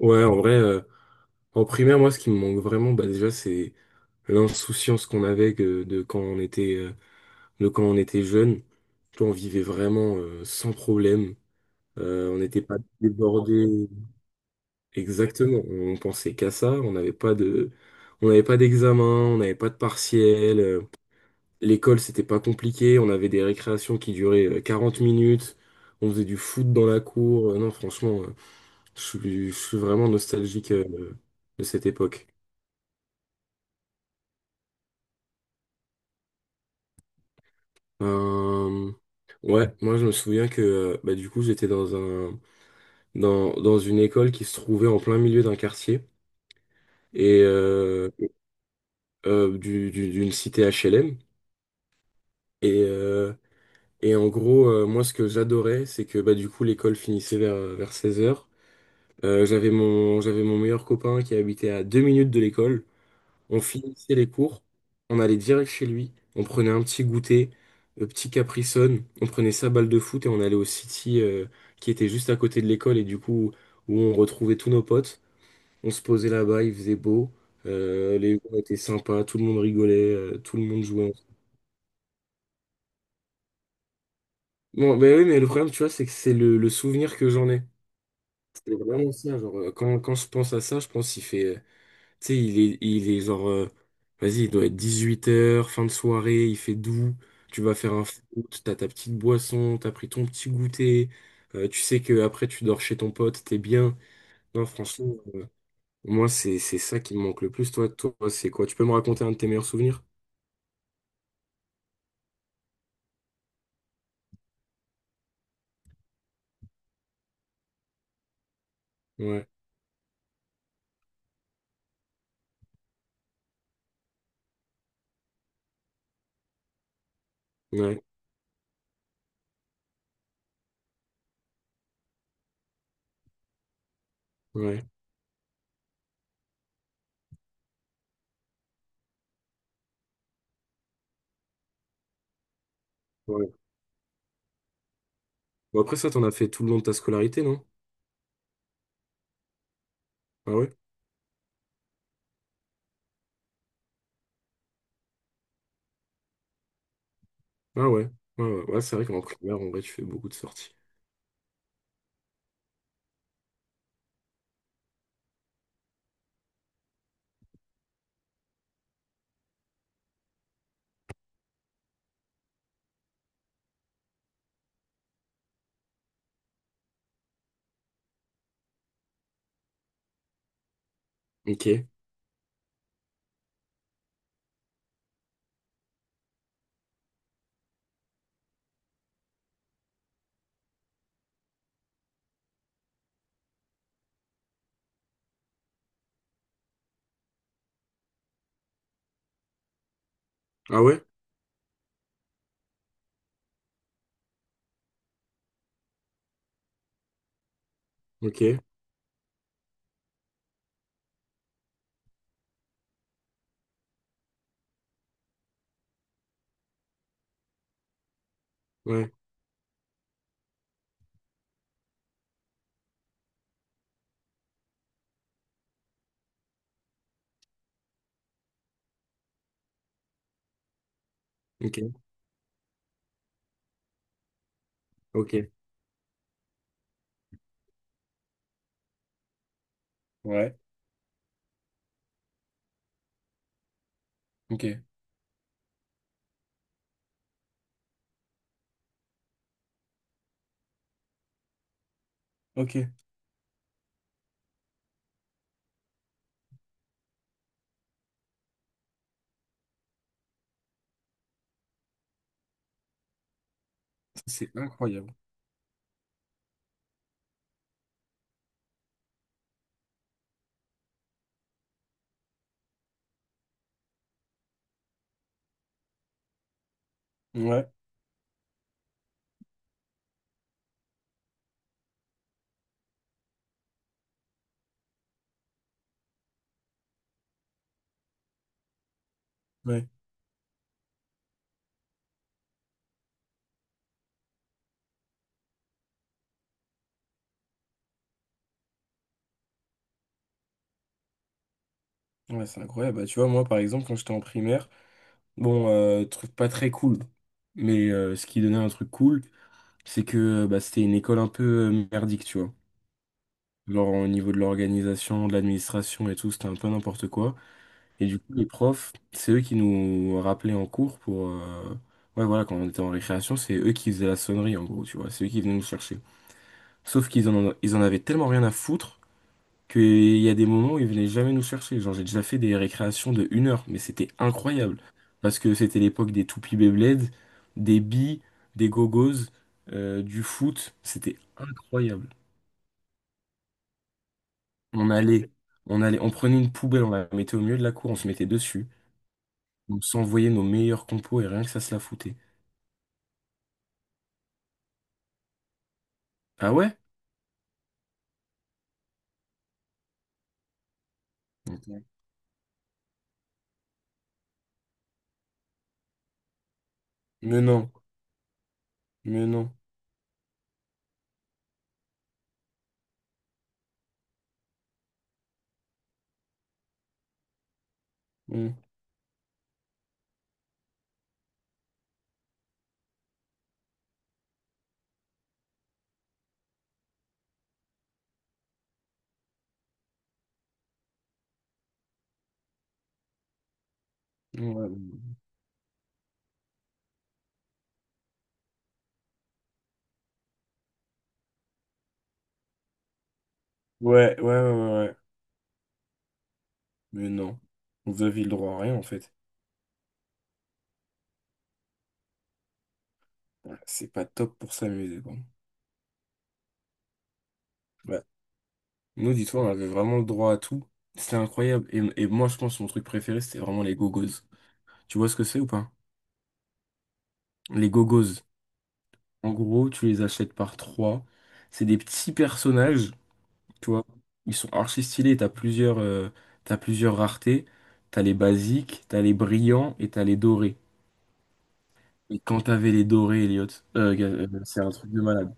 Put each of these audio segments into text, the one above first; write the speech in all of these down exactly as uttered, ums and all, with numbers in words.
Ouais, en vrai, euh, en primaire, moi, ce qui me manque vraiment, bah, déjà, c'est l'insouciance qu'on avait que- de quand on était, euh, de quand on était jeune. Tu vois, on vivait vraiment euh, sans problème. Euh, on n'était pas débordé. Exactement. On pensait qu'à ça. On n'avait pas de, on n'avait pas d'examen. On n'avait pas de partiel. euh, L'école, c'était pas compliqué. On avait des récréations qui duraient euh, quarante minutes. On faisait du foot dans la cour. Euh, non, franchement, euh, je suis, je suis vraiment nostalgique euh, de cette époque. Euh, ouais, moi je me souviens que euh, bah, du coup j'étais dans un dans, dans une école qui se trouvait en plein milieu d'un quartier et euh, euh, du, du- d'une cité H L M et euh, et en gros euh, moi ce que j'adorais c'est que bah du coup l'école finissait vers vers seize heures. Euh, j'avais mon j'avais mon meilleur copain qui habitait à deux minutes de l'école. On finissait les cours, on allait direct chez lui, on prenait un petit goûter, euh, petit Capri Sun, on prenait sa balle de foot et on allait au City euh, qui était juste à côté de l'école et du coup où on retrouvait tous nos potes. On se posait là-bas, il faisait beau, euh, les gens étaient sympas, tout le monde rigolait, euh, tout le monde jouait. Bon, ben oui, mais le problème, tu vois, c'est que c'est le, le souvenir que j'en ai. C'est vraiment ça, genre, euh, quand, quand je pense à ça, je pense qu'il fait. Euh, Tu sais, il est, il est genre, euh, vas-y, il doit être dix-huit heures fin de soirée, il fait doux, tu vas faire un foot, t'as ta petite boisson, t'as pris ton petit goûter, euh, tu sais que après tu dors chez ton pote, t'es bien. Non, franchement, moi, c'est, c'est ça qui me manque le plus, toi, toi, c'est quoi? Tu peux me raconter un de tes meilleurs souvenirs? Ouais, ouais, ouais, ouais. Bon, après ça, t'en as fait tout le long de ta scolarité, non? Ah ouais? Ah ouais, ouais, ouais, ouais, c'est vrai qu'en primaire, en vrai, tu fais beaucoup de sorties. Ok. Ah ouais? Ok. Ouais. Ok. Ok. Ouais. Ok. Ok, c'est incroyable. Ouais, ouais, ouais, c'est incroyable. Bah, tu vois, moi, par exemple, quand j'étais en primaire, bon, euh, truc pas très cool, mais euh, ce qui donnait un truc cool, c'est que euh, bah, c'était une école un peu euh, merdique, tu vois. Genre, au niveau de l'organisation, de l'administration et tout, c'était un peu n'importe quoi. Et du coup, les profs, c'est eux qui nous rappelaient en cours pour. Euh, Ouais, voilà, quand on était en récréation, c'est eux qui faisaient la sonnerie, en gros, tu vois. C'est eux qui venaient nous chercher. Sauf qu'ils en, ils en avaient tellement rien à foutre qu'il y a des moments où ils venaient jamais nous chercher. Genre, j'ai déjà fait des récréations de une heure, mais c'était incroyable. Parce que c'était l'époque des toupies Beyblade, des billes, des gogos, euh, du foot. C'était incroyable. On allait, on allait, on prenait une poubelle, on la mettait au milieu de la cour, on se mettait dessus. On s'envoyait nos meilleurs compos et rien que ça se la foutait. Ah ouais? Ok. Mais non, mais non. Hmm. Ouais, ouais, ouais, ouais, ouais, ouais. Mais non. Vous avez le droit à rien, en fait. Ah, c'est pas top pour s'amuser, quoi. Ouais. Nous, dis-toi, on avait vraiment le droit à tout. C'était incroyable. Et, et moi, je pense que mon truc préféré, c'était vraiment les gogos. Tu vois ce que c'est ou pas? Les gogos. En gros, tu les achètes par trois. C'est des petits personnages, tu vois. Ils sont archi stylés. T'as plusieurs, euh, t'as plusieurs raretés. T'as les basiques, t'as les brillants et t'as les dorés. Et quand t'avais les dorés, Elliot, euh, euh, c'est un truc de malade.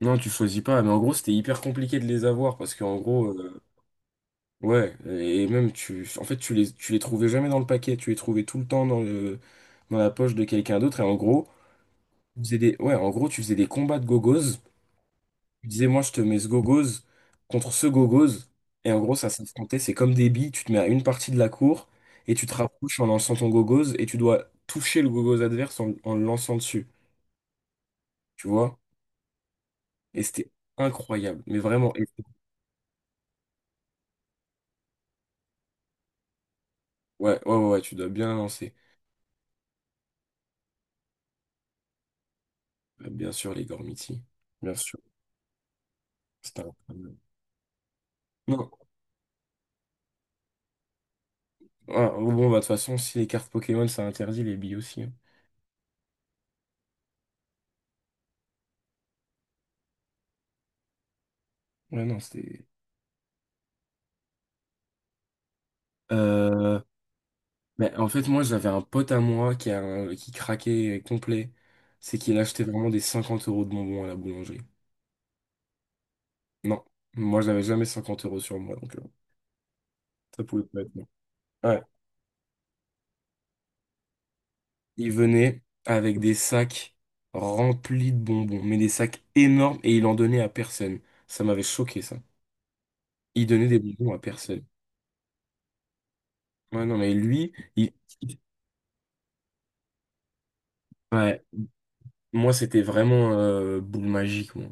Non, tu choisis pas. Mais en gros, c'était hyper compliqué de les avoir parce qu'en gros, euh, ouais, et même tu, en fait, tu les, tu les trouvais jamais dans le paquet, tu les trouvais tout le temps dans le, dans la poche de quelqu'un d'autre. Et en gros, tu faisais des, ouais, en gros, tu faisais des combats de gogos. Tu disais, moi, je te mets ce gogos contre ce gogos. Et en gros, ça s'affrontait, c'est comme des billes. Tu te mets à une partie de la cour et tu te rapproches en lançant ton gogos et tu dois toucher le gogos adverse en, en le lançant dessus. Tu vois? Et c'était incroyable, mais vraiment. Et- Ouais, ouais, ouais, ouais, tu dois bien lancer. Bien sûr, les Gormiti. Bien sûr. C'était incroyable. Non. Ouais, bon, bah, de toute façon, si les cartes Pokémon, ça interdit les billes aussi, hein. Ouais, non, c'était. Euh, mais en fait, moi, j'avais un pote à moi qui a un- qui craquait complet. C'est qu'il achetait vraiment des cinquante euros de bonbons à la boulangerie. Non, moi, j'avais jamais cinquante euros sur moi, donc euh, ça pouvait pas être. Non. Ouais, il venait avec des sacs remplis de bonbons, mais des sacs énormes, et il en donnait à personne. Ça m'avait choqué, ça. Il donnait des bonbons à personne. Ouais, non, mais lui, il... ouais, moi, c'était vraiment euh, boule magique, moi.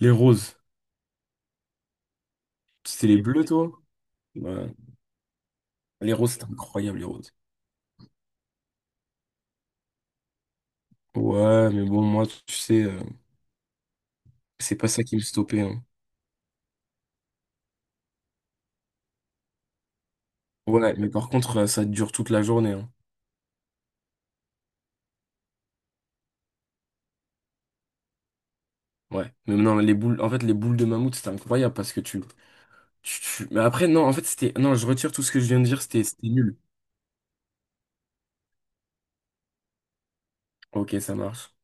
Les roses. C'était les bleus, toi? Ouais. Les roses, c'était incroyable, les roses. Ouais, mais bon, moi, tu sais, euh, c'est pas ça qui me stoppait, hein. Ouais, mais par contre, euh, ça dure toute la journée, hein. Ouais. Mais non, les boules, en fait, les boules de mammouth, c'était incroyable parce que tu, tu, tu- mais après, non, en fait, c'était. Non, je retire tout ce que je viens de dire, c'était c'était nul. Ok, ça marche.